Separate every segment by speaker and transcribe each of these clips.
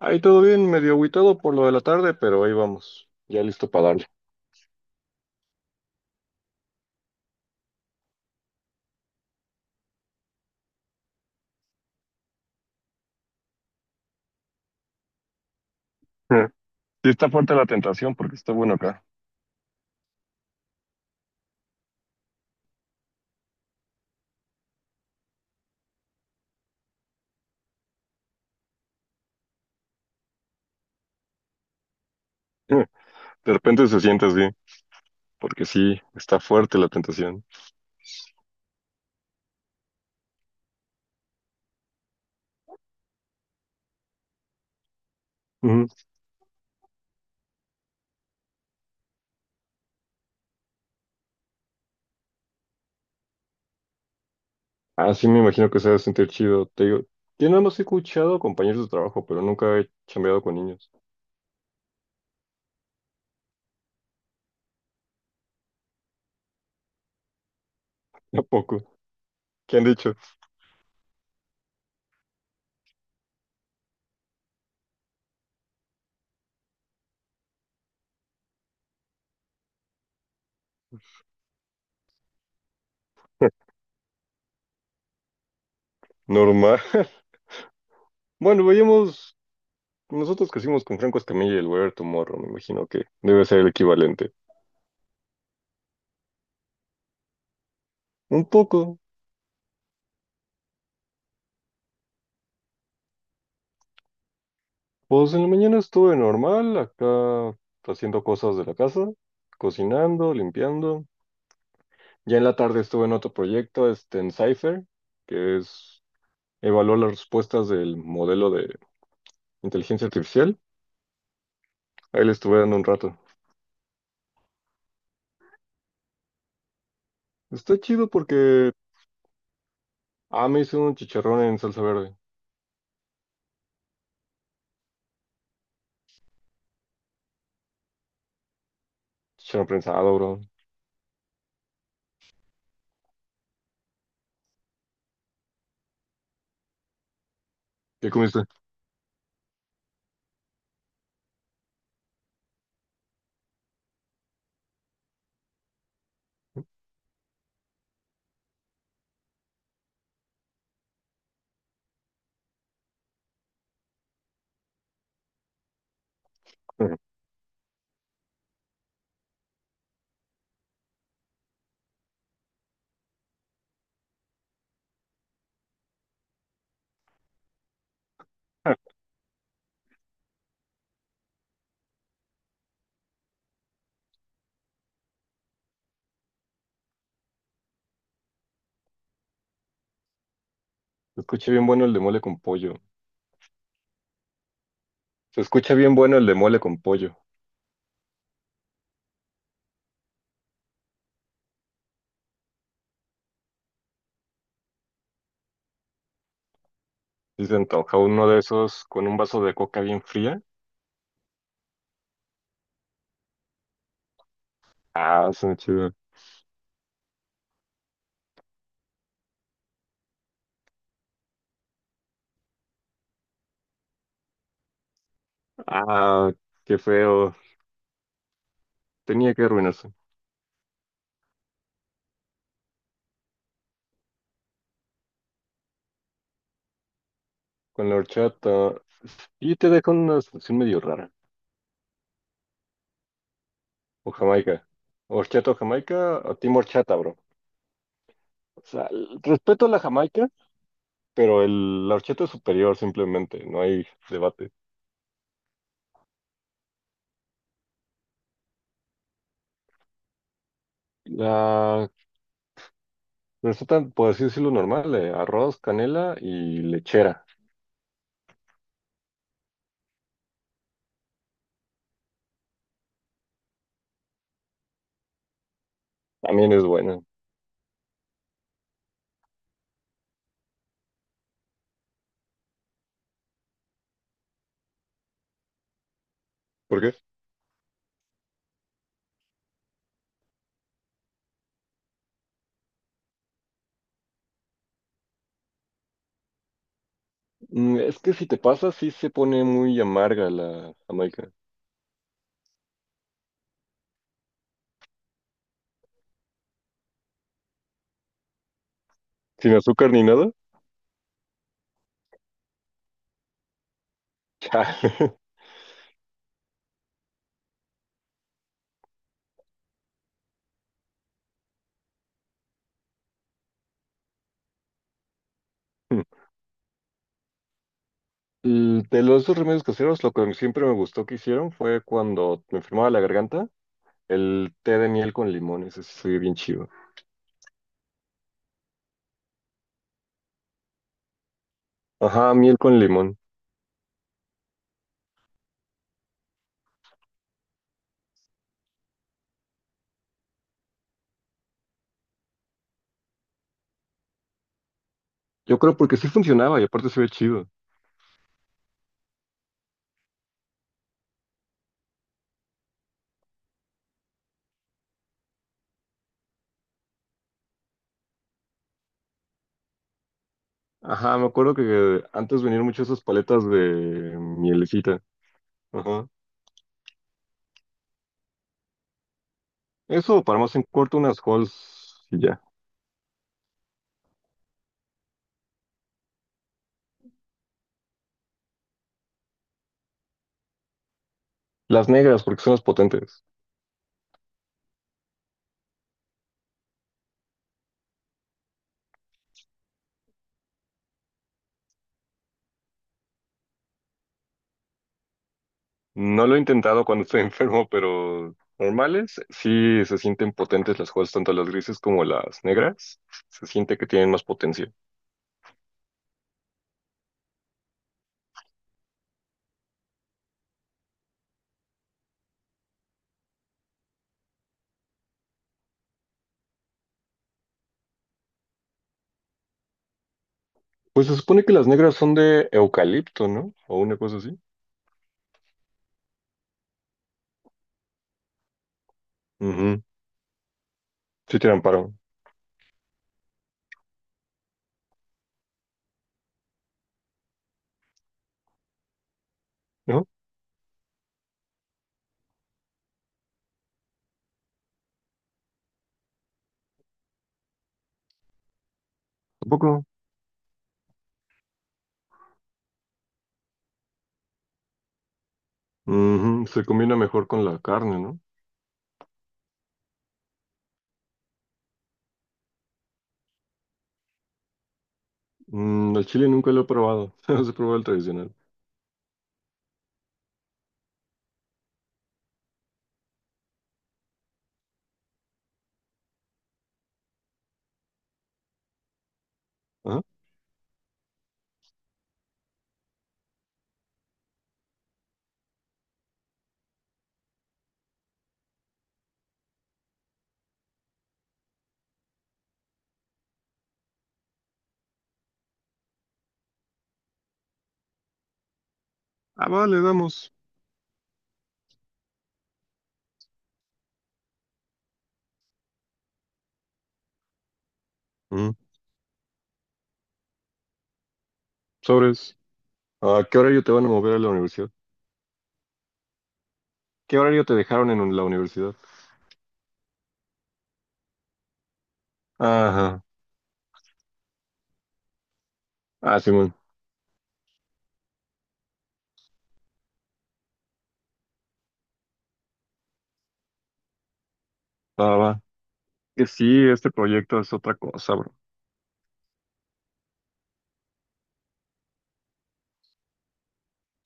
Speaker 1: Ahí todo bien, medio agüitado por lo de la tarde, pero ahí vamos, ya listo para darle. Sí está fuerte la tentación porque está bueno acá. De repente se siente así, porque sí, está fuerte la tentación. Ujú. Ah, sí, me imagino que se va a sentir chido. Te digo, yo nada más he escuchado compañeros de trabajo, pero nunca he chambeado con niños. Tampoco. ¿Qué han dicho? Normal. Bueno, veíamos, nosotros crecimos con Franco Escamilla y el Weather Tomorrow, me imagino que debe ser el equivalente. Un poco. Pues en la mañana estuve normal, acá haciendo cosas de la casa, cocinando, limpiando. Ya en la tarde estuve en otro proyecto, este, en Cypher, que es evaluar las respuestas del modelo de inteligencia artificial. Ahí le estuve dando un rato. Está chido porque, ah, me hice un chicharrón en salsa verde. Chicharrón prensado, bro. ¿Qué comiste? Se escucha bien bueno el de mole con pollo. Se escucha bien bueno el de mole con pollo. Si se antoja uno de esos con un vaso de coca bien fría. Ah, suena chido. Ah, qué feo. Tenía que arruinarse. Con la horchata. Y te dejo una situación medio rara. O Jamaica. Horchata o Jamaica, o Team Horchata, bro. O sea, el respeto a la Jamaica, pero el, la horchata es superior simplemente. No hay debate. La receta, por así decirlo, normal, de arroz, canela y lechera. También es buena. ¿Por qué? Mm, es que si te pasa, sí se pone muy amarga la Jamaica. Sin azúcar ni nada. Chale. Mm, de los dos remedios caseros, lo que siempre me gustó que hicieron fue cuando me enfermaba la garganta, el té de miel con limón, ese sí se ve bien chido. Ajá, miel con limón. Yo creo porque sí funcionaba y aparte se ve chido. Ajá, me acuerdo que antes venían muchas esas paletas de mielecita. Ajá. Eso, para más en corto, unas Halls y ya. Las negras, porque son las potentes. No lo he intentado cuando estoy enfermo, pero normales sí se sienten potentes las hojas, tanto las grises como las negras. Se siente que tienen más potencia. Pues se supone que las negras son de eucalipto, ¿no? O una cosa así. Ujú. Sí tiran paro, ¿no? Tampoco. Ujú. Se combina mejor con la carne, ¿no? Mm, el chile nunca lo he probado. No se probado el tradicional. Ajá. Ah, vale, damos. Mm, sobres. ¿A qué horario te van a mover a la universidad? ¿Qué horario te dejaron en la universidad? Ajá. Ah, simón. Va, va. Que sí, este proyecto es otra cosa, bro.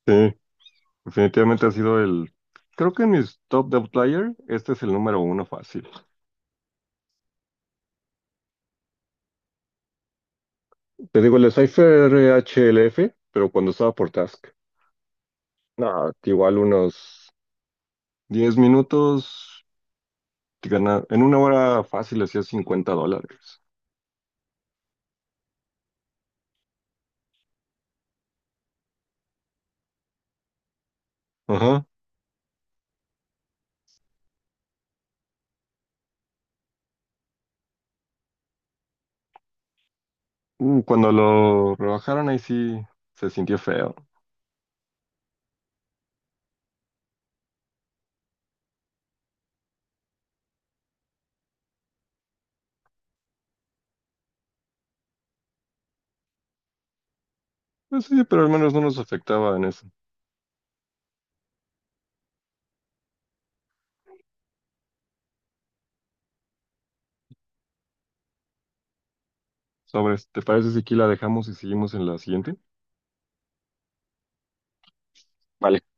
Speaker 1: Sí, definitivamente ha sido el. Creo que en mis top de Outlier, este es el número uno fácil. Te digo, el Cypher HLF, pero cuando estaba por Task. No, igual unos 10 minutos, en una hora fácil hacía $50. Ajá. Cuando lo rebajaron, ahí sí se sintió feo. Pues sí, pero al menos no nos afectaba en eso. Sobres, ¿te parece si aquí la dejamos y seguimos en la siguiente? Vale.